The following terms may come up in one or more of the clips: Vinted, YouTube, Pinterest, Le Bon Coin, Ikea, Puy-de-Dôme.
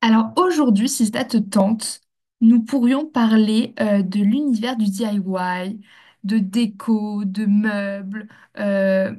Alors aujourd'hui, si ça te tente, nous pourrions parler de l'univers du DIY, de déco, de meubles. euh,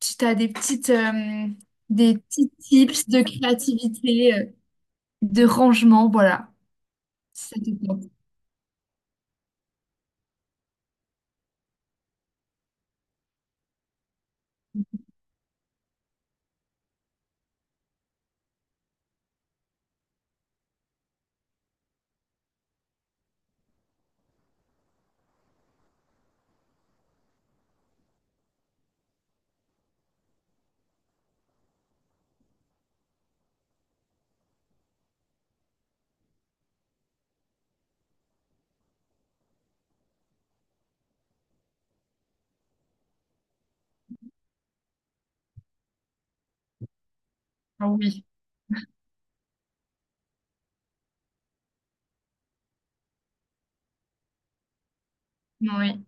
Si tu as des petites, des petits tips de créativité, de rangement, voilà, si ça te tente. Ah oui, oui,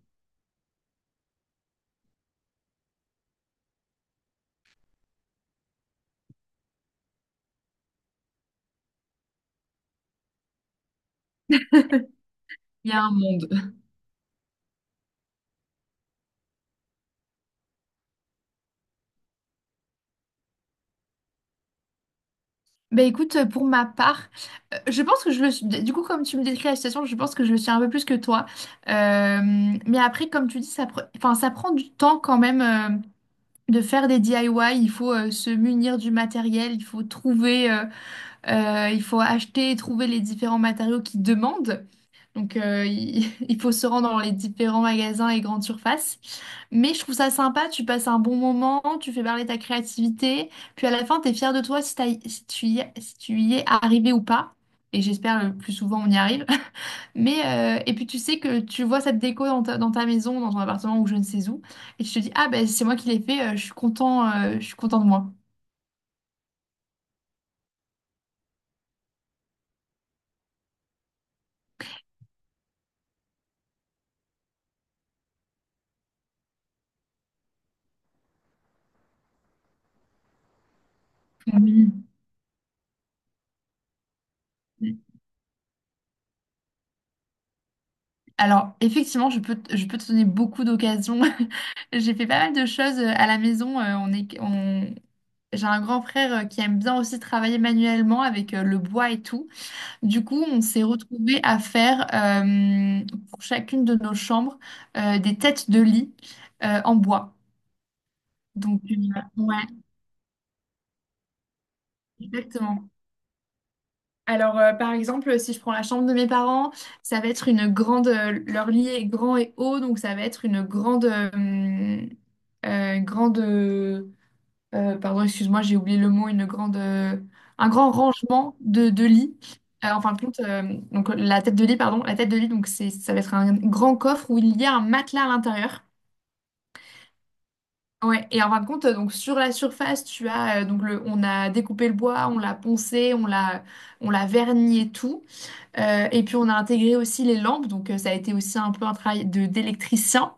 il y a un monde. Ben écoute, pour ma part, je pense que je le suis. Du coup, comme tu me décris la situation, je pense que je le suis un peu plus que toi. Euh, mais après, comme tu dis, ça, enfin, ça prend du temps quand même. De faire des DIY, il faut se munir du matériel, il faut trouver, il faut acheter et trouver les différents matériaux qu'ils demandent. Donc, il faut se rendre dans les différents magasins et grandes surfaces. Mais je trouve ça sympa, tu passes un bon moment, tu fais parler ta créativité, puis à la fin, tu es fier de toi si, si tu y, si tu y es arrivé ou pas. Et j'espère le plus souvent on y arrive. Mais et puis tu sais que tu vois cette déco dans ta maison, dans ton appartement ou je ne sais où, et tu te dis, ah ben c'est moi qui l'ai fait, je suis content de moi. Oui. Alors effectivement, je peux, je peux te donner beaucoup d'occasions. J'ai fait pas mal de choses à la maison. J'ai un grand frère qui aime bien aussi travailler manuellement avec le bois et tout. Du coup, on s'est retrouvés à faire pour chacune de nos chambres des têtes de lit en bois. Donc, ouais. Exactement. Alors, par exemple, si je prends la chambre de mes parents, ça va être une grande. Leur lit est grand et haut, donc ça va être une grande. Euh, grande. euh, Pardon, excuse-moi, j'ai oublié le mot. Une grande. Un grand rangement de lits. En fin de compte, donc la tête de lit, pardon, la tête de lit, donc c'est, ça va être un grand coffre où il y a un matelas à l'intérieur. Ouais, et en fin de compte, donc sur la surface, tu as donc le, on a découpé le bois, on l'a poncé, on l'a verni et tout. Et puis on a intégré aussi les lampes, donc ça a été aussi un peu un travail de d'électricien.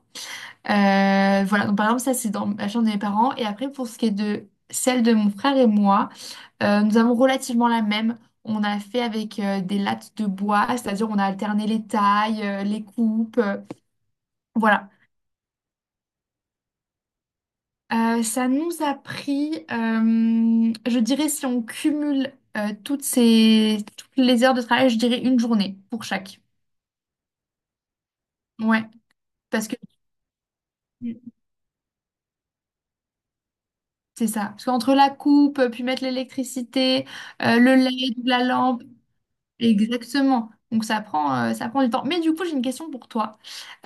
Voilà, donc par exemple ça c'est dans la chambre de mes parents. Et après pour ce qui est de celle de mon frère et moi, nous avons relativement la même. On a fait avec des lattes de bois, c'est-à-dire on a alterné les tailles, les coupes, voilà. Ça nous a pris, je dirais si on cumule toutes les heures de travail, je dirais une journée pour chaque. Ouais, parce que C'est ça. Parce qu'entre la coupe, puis mettre l'électricité, le LED, la lampe, exactement. Donc ça prend du temps. Mais du coup, j'ai une question pour toi.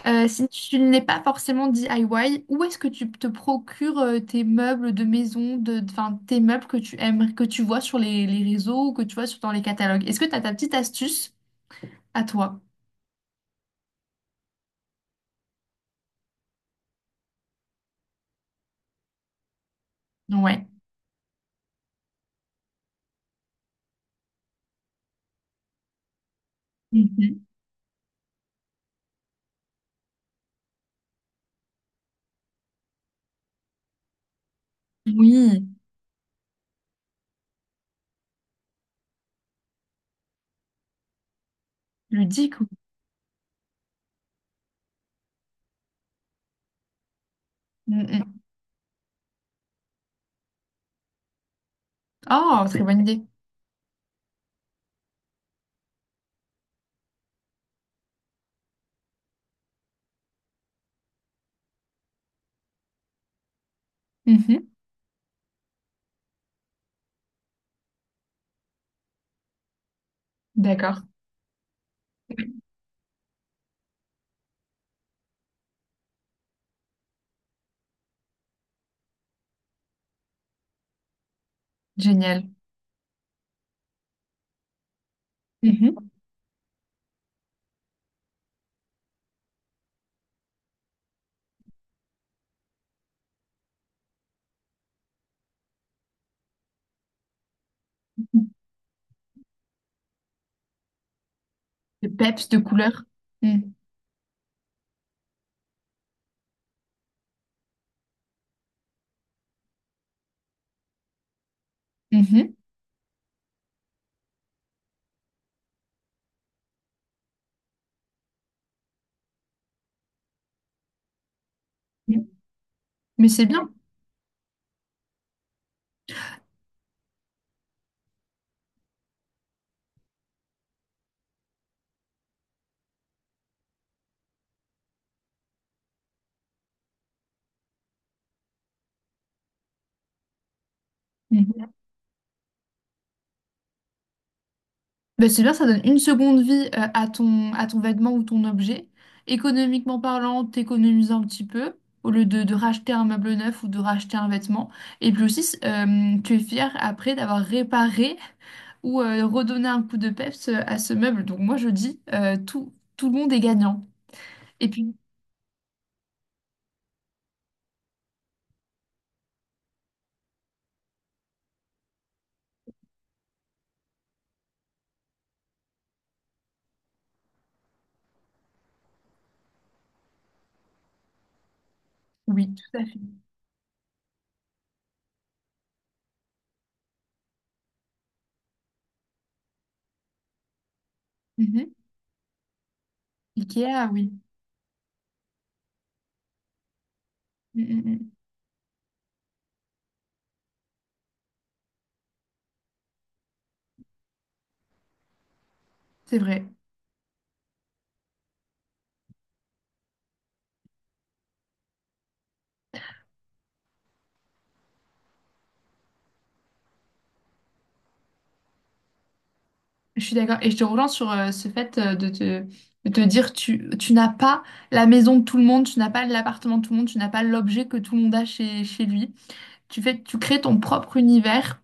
Si tu n'es pas forcément DIY, où est-ce que tu te procures tes meubles de maison, de, enfin, tes meubles que tu aimes, que tu vois sur les réseaux ou que tu vois sur, dans les catalogues? Est-ce que tu as ta petite astuce à toi? Ouais. Mhm. Oui, ludique. Mhm. Oh, très bonne idée. Mhm. D'accord. Génial. Mhm. De peps, de couleur. Mm. Mhm. Mm. Mais c'est bien. Mhm. Ben, c'est bien, ça donne une seconde vie à ton vêtement ou ton objet. Économiquement parlant, t'économises un petit peu au lieu de racheter un meuble neuf ou de racheter un vêtement. Et puis aussi, tu es fier après d'avoir réparé ou redonné un coup de peps à ce meuble. Donc moi, je dis, tout le monde est gagnant. Et puis, oui, tout à fait. Mhm. Ikea, oui. Mm, mm, mm. C'est vrai. Je suis d'accord. Je te rejoins sur ce fait de te dire tu, tu n'as pas la maison de tout le monde, tu n'as pas l'appartement de tout le monde, tu n'as pas l'objet que tout le monde a chez, chez lui. Tu fais, tu crées ton propre univers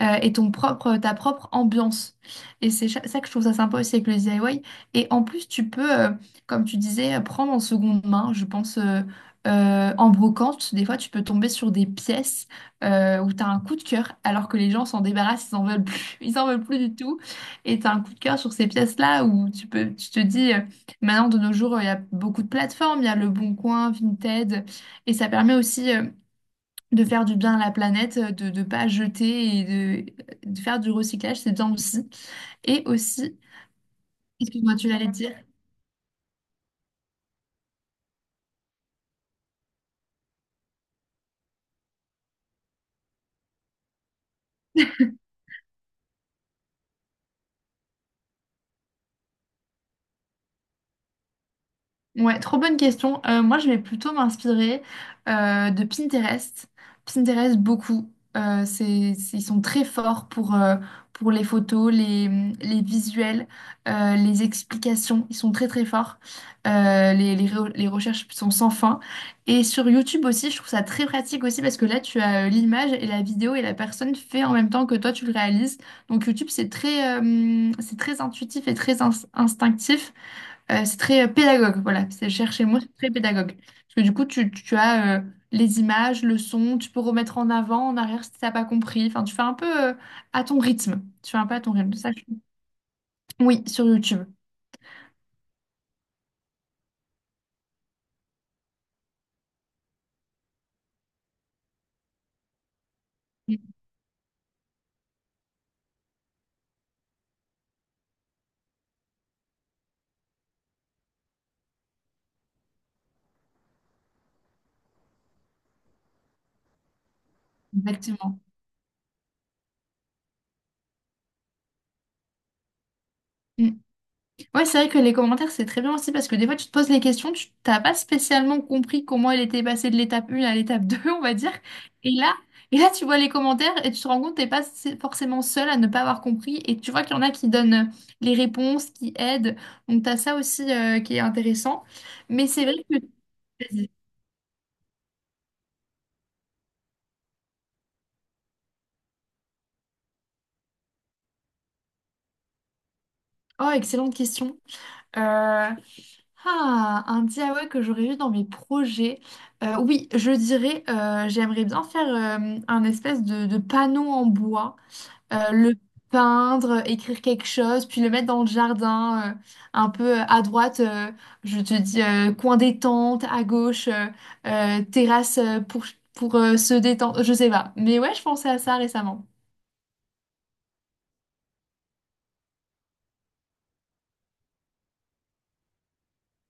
et ton propre, ta propre ambiance. Et c'est ça que je trouve ça sympa aussi avec le DIY. Et en plus, tu peux, comme tu disais, prendre en seconde main, je pense, en brocante. Des fois, tu peux tomber sur des pièces où tu as un coup de cœur, alors que les gens s'en débarrassent, ils n'en veulent plus, ils en veulent plus du tout. Et tu as un coup de cœur sur ces pièces-là où tu peux, tu te dis, maintenant, de nos jours, il y a beaucoup de plateformes, il y a Le Bon Coin, Vinted, et ça permet aussi. De faire du bien à la planète, de ne pas jeter et de faire du recyclage, c'est bien aussi. Et aussi, excuse-moi, tu l'allais dire. Ouais, trop bonne question. Moi, je vais plutôt m'inspirer de Pinterest. Pinterest, beaucoup. Ils sont très forts pour les photos, les visuels, les explications. Ils sont très, très forts. Les recherches sont sans fin. Et sur YouTube aussi, je trouve ça très pratique aussi parce que là, tu as l'image et la vidéo et la personne fait en même temps que toi, tu le réalises. Donc, YouTube, c'est très intuitif et très instinctif. C'est très pédagogue, voilà. C'est chercher le mot, c'est très pédagogue. Parce que du coup, tu as les images, le son, tu peux remettre en avant, en arrière si t'as pas compris. Enfin, tu fais un peu à ton rythme. Tu fais un peu à ton rythme. Ça, je- Oui, sur YouTube. Mm, exactement. Mm. Ouais, c'est vrai que les commentaires, c'est très bien aussi parce que des fois, tu te poses les questions, tu t'as pas spécialement compris comment elle était passée de l'étape 1 à l'étape 2, on va dire. Et là, et là, tu vois les commentaires et tu te rends compte que t'es pas s- forcément seule à ne pas avoir compris. Et tu vois qu'il y en a qui donnent les réponses, qui aident. Donc, t'as ça aussi qui est intéressant. Mais c'est vrai que... Vas-y. Oh, excellente question. Euh, Ah, un DIY que j'aurais eu dans mes projets. Oui, je dirais, j'aimerais bien faire un espèce de panneau en bois. Le peindre, écrire quelque chose, puis le mettre dans le jardin, un peu à droite, je te dis coin détente, à gauche, terrasse pour se détendre, je sais pas. Mais ouais, je pensais à ça récemment.